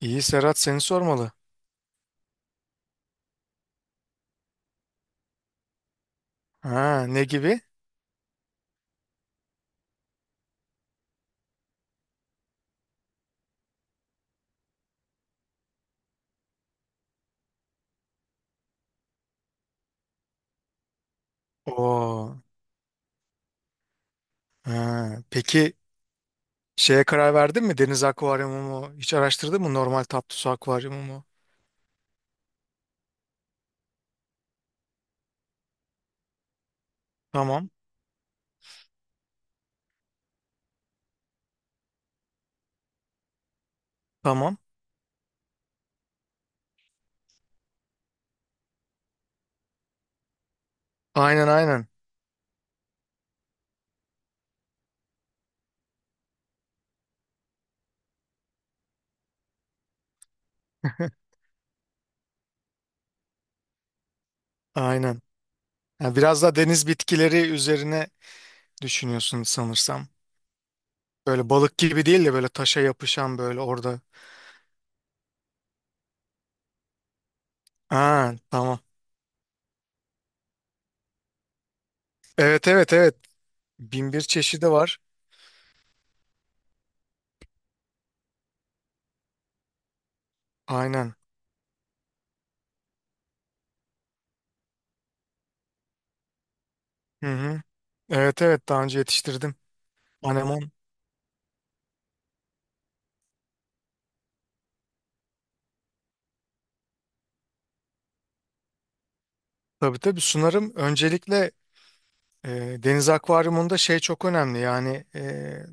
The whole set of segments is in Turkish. İyi Serhat seni sormalı. Ha, ne gibi? Oo. Ha, peki şeye karar verdin mi? Deniz akvaryumu mu? Hiç araştırdın mı? Normal tatlı su akvaryumu mu? Tamam. Tamam. Aynen aynen. Aynen. Ha, biraz da deniz bitkileri üzerine düşünüyorsun sanırsam. Böyle balık gibi değil de böyle taşa yapışan böyle orada. Ha, tamam. Evet evet evet. Bin bir çeşidi var. Aynen. Hı hı. Evet evet daha önce yetiştirdim. Anemon. Tabii tabii sunarım. Öncelikle E, deniz akvaryumunda şey çok önemli, yani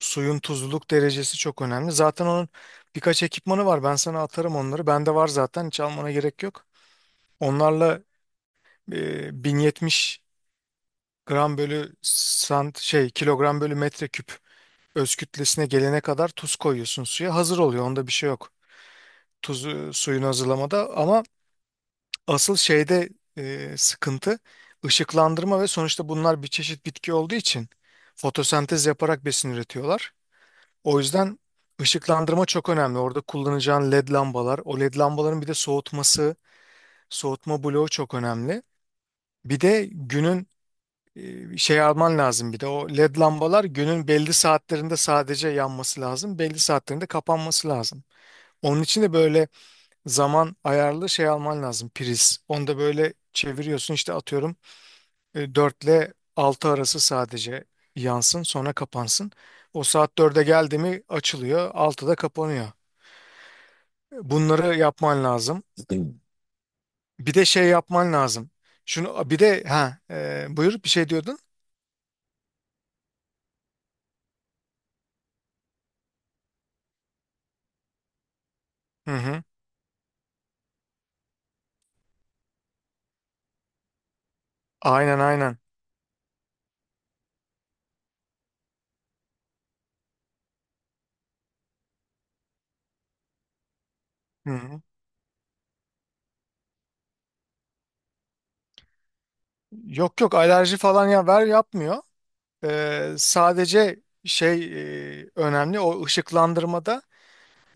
suyun tuzluluk derecesi çok önemli. Zaten onun birkaç ekipmanı var, ben sana atarım onları. Bende var zaten, hiç almana gerek yok. Onlarla 1070 gram bölü sant şey kilogram bölü metreküp öz kütlesine gelene kadar tuz koyuyorsun, suya hazır oluyor, onda bir şey yok. Tuzu suyun hazırlamada ama asıl şeyde, sıkıntı ışıklandırma ve sonuçta bunlar bir çeşit bitki olduğu için fotosentez yaparak besin üretiyorlar. O yüzden ışıklandırma çok önemli. Orada kullanacağın LED lambalar, o LED lambaların bir de soğutması, soğutma bloğu çok önemli. Bir de günün şey alman lazım, bir de o LED lambalar günün belli saatlerinde sadece yanması lazım, belli saatlerinde kapanması lazım. Onun için de böyle zaman ayarlı şey alman lazım, priz. Onu da böyle çeviriyorsun işte, atıyorum 4 ile 6 arası sadece yansın, sonra kapansın. O saat dörde geldi mi açılıyor, altıda kapanıyor. Bunları yapman lazım. Bir de şey yapman lazım. Şunu bir de, ha, buyur, bir şey diyordun. Hı hı. Aynen aynen. Hı hı. Yok yok, alerji falan ya ver yapmıyor. Sadece şey, önemli o ışıklandırmada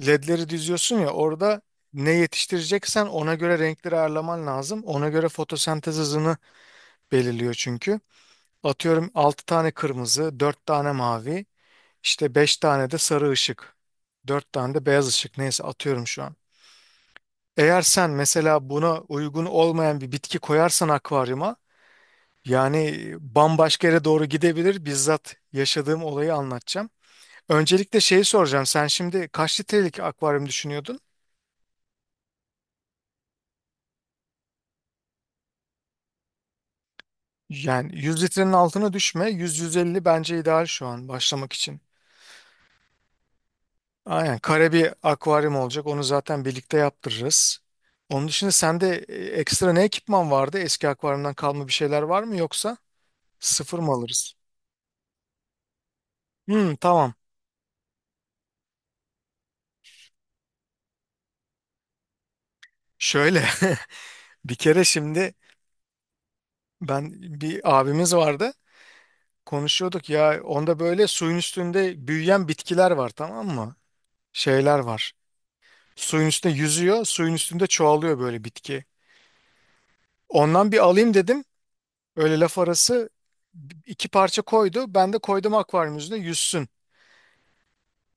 ledleri düzüyorsun ya, orada ne yetiştireceksen ona göre renkleri ayarlaman lazım. Ona göre fotosentez hızını belirliyor çünkü. Atıyorum 6 tane kırmızı, 4 tane mavi, işte 5 tane de sarı ışık, 4 tane de beyaz ışık, neyse atıyorum şu an. Eğer sen mesela buna uygun olmayan bir bitki koyarsan akvaryuma, yani bambaşka yere doğru gidebilir. Bizzat yaşadığım olayı anlatacağım. Öncelikle şeyi soracağım. Sen şimdi kaç litrelik akvaryum düşünüyordun? Yani 100 litrenin altına düşme. 100-150 bence ideal şu an başlamak için. Aynen, kare bir akvaryum olacak. Onu zaten birlikte yaptırırız. Onun dışında sende ekstra ne ekipman vardı? Eski akvaryumdan kalma bir şeyler var mı, yoksa sıfır mı alırız? Hmm, tamam. Şöyle bir kere, şimdi ben, bir abimiz vardı. Konuşuyorduk ya, onda böyle suyun üstünde büyüyen bitkiler var, tamam mı? Şeyler var. Suyun üstünde yüzüyor, suyun üstünde çoğalıyor böyle bitki. Ondan bir alayım dedim. Öyle laf arası iki parça koydu. Ben de koydum akvaryum yüzüne yüzsün.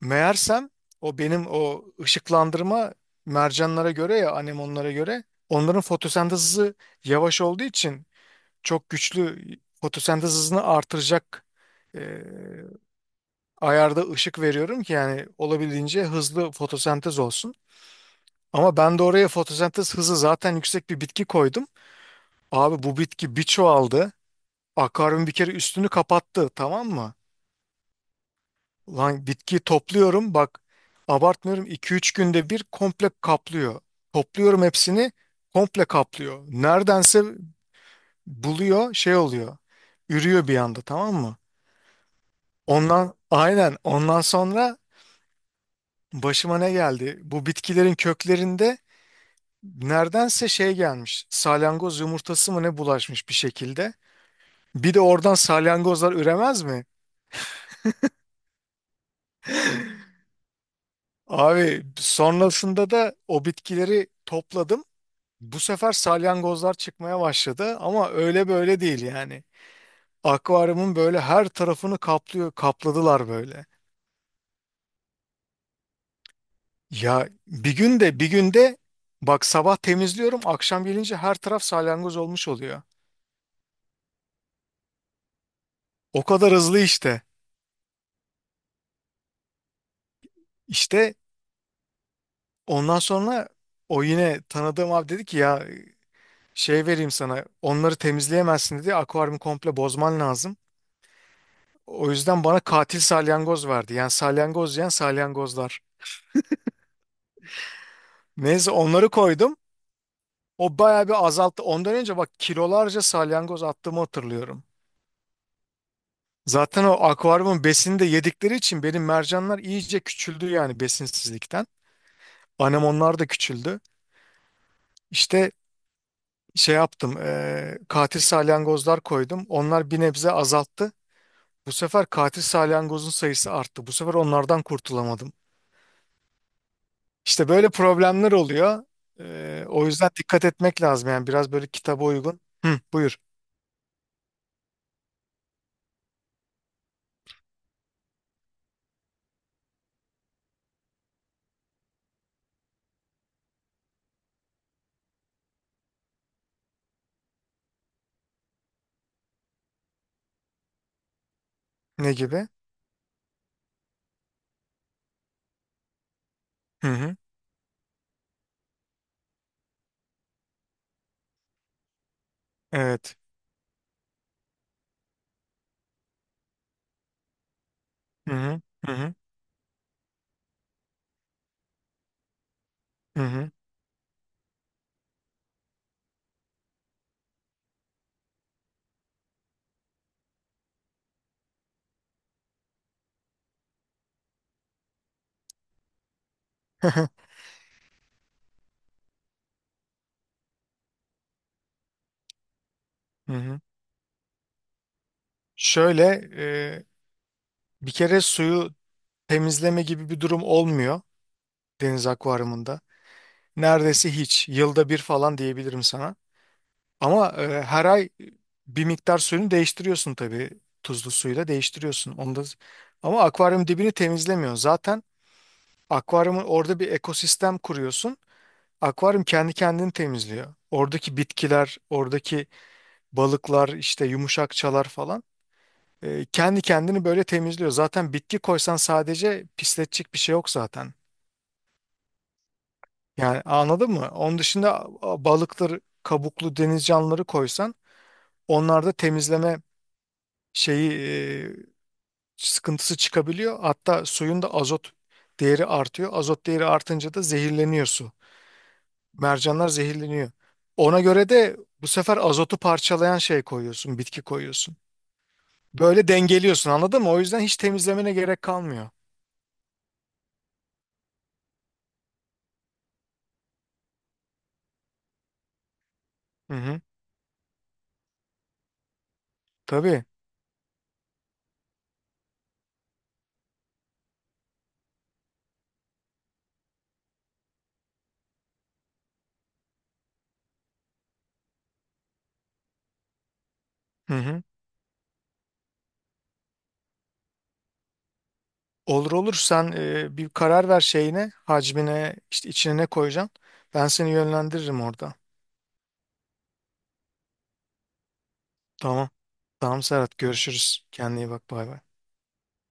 Meğersem o benim o ışıklandırma mercanlara göre ya anemonlara göre, onların fotosentez hızı yavaş olduğu için çok güçlü fotosentez hızını artıracak e, ayarda ışık veriyorum ki yani olabildiğince hızlı fotosentez olsun. Ama ben de oraya fotosentez hızı zaten yüksek bir bitki koydum. Abi bu bitki bir çoğaldı. Akvaryum bir kere üstünü kapattı, tamam mı? Lan bitki topluyorum bak, abartmıyorum, 2-3 günde bir komple kaplıyor. Topluyorum hepsini, komple kaplıyor. Neredense buluyor, şey oluyor. Ürüyor bir anda, tamam mı? Ondan aynen, ondan sonra başıma ne geldi? Bu bitkilerin köklerinde neredense şey gelmiş. Salyangoz yumurtası mı ne, bulaşmış bir şekilde. Bir de oradan salyangozlar üremez mi? Abi sonrasında da o bitkileri topladım. Bu sefer salyangozlar çıkmaya başladı ama öyle böyle değil yani. Akvaryumun böyle her tarafını kaplıyor, kapladılar böyle. Ya bir günde bir günde bak, sabah temizliyorum akşam gelince her taraf salyangoz olmuş oluyor. O kadar hızlı işte. İşte ondan sonra o yine tanıdığım abi dedi ki, ya şey vereyim sana, onları temizleyemezsin dedi, akvaryumu komple bozman lazım. O yüzden bana katil salyangoz verdi. Yani salyangoz yiyen salyangozlar. Neyse onları koydum. O bayağı bir azalttı. Ondan önce bak kilolarca salyangoz attığımı hatırlıyorum. Zaten o akvaryumun besini de yedikleri için benim mercanlar iyice küçüldü yani besinsizlikten. Anemonlar da küçüldü. İşte şey yaptım, katil salyangozlar koydum. Onlar bir nebze azalttı. Bu sefer katil salyangozun sayısı arttı. Bu sefer onlardan kurtulamadım. İşte böyle problemler oluyor. O yüzden dikkat etmek lazım yani biraz böyle kitaba uygun. Hı, buyur. Ne gibi? Hı hı. Evet. Hı hı. Hı hı. Hı hı, hı hı. Şöyle, e, bir kere suyu temizleme gibi bir durum olmuyor deniz akvaryumunda. Neredeyse hiç. Yılda bir falan diyebilirim sana. Ama her ay bir miktar suyunu değiştiriyorsun tabii. Tuzlu suyla değiştiriyorsun. Onu da... Ama akvaryum dibini temizlemiyor. Zaten akvaryumun orada bir ekosistem kuruyorsun. Akvaryum kendi kendini temizliyor. Oradaki bitkiler, oradaki balıklar, işte yumuşakçalar falan. Kendi kendini böyle temizliyor. Zaten bitki koysan sadece pisletecek bir şey yok zaten. Yani anladın mı? Onun dışında balıktır, kabuklu deniz canlıları koysan onlar da temizleme şeyi, e, sıkıntısı çıkabiliyor. Hatta suyun da azot değeri artıyor. Azot değeri artınca da zehirleniyor su. Mercanlar zehirleniyor. Ona göre de bu sefer azotu parçalayan şey koyuyorsun, bitki koyuyorsun. Böyle dengeliyorsun, anladın mı? O yüzden hiç temizlemene gerek kalmıyor. Hı hı. Tabii. Hı hı. Olur olur, sen bir karar ver şeyine, hacmine, işte içine ne koyacaksın. Ben seni yönlendiririm orada. Tamam. Tamam Serhat, görüşürüz. Kendine iyi bak, bay bay.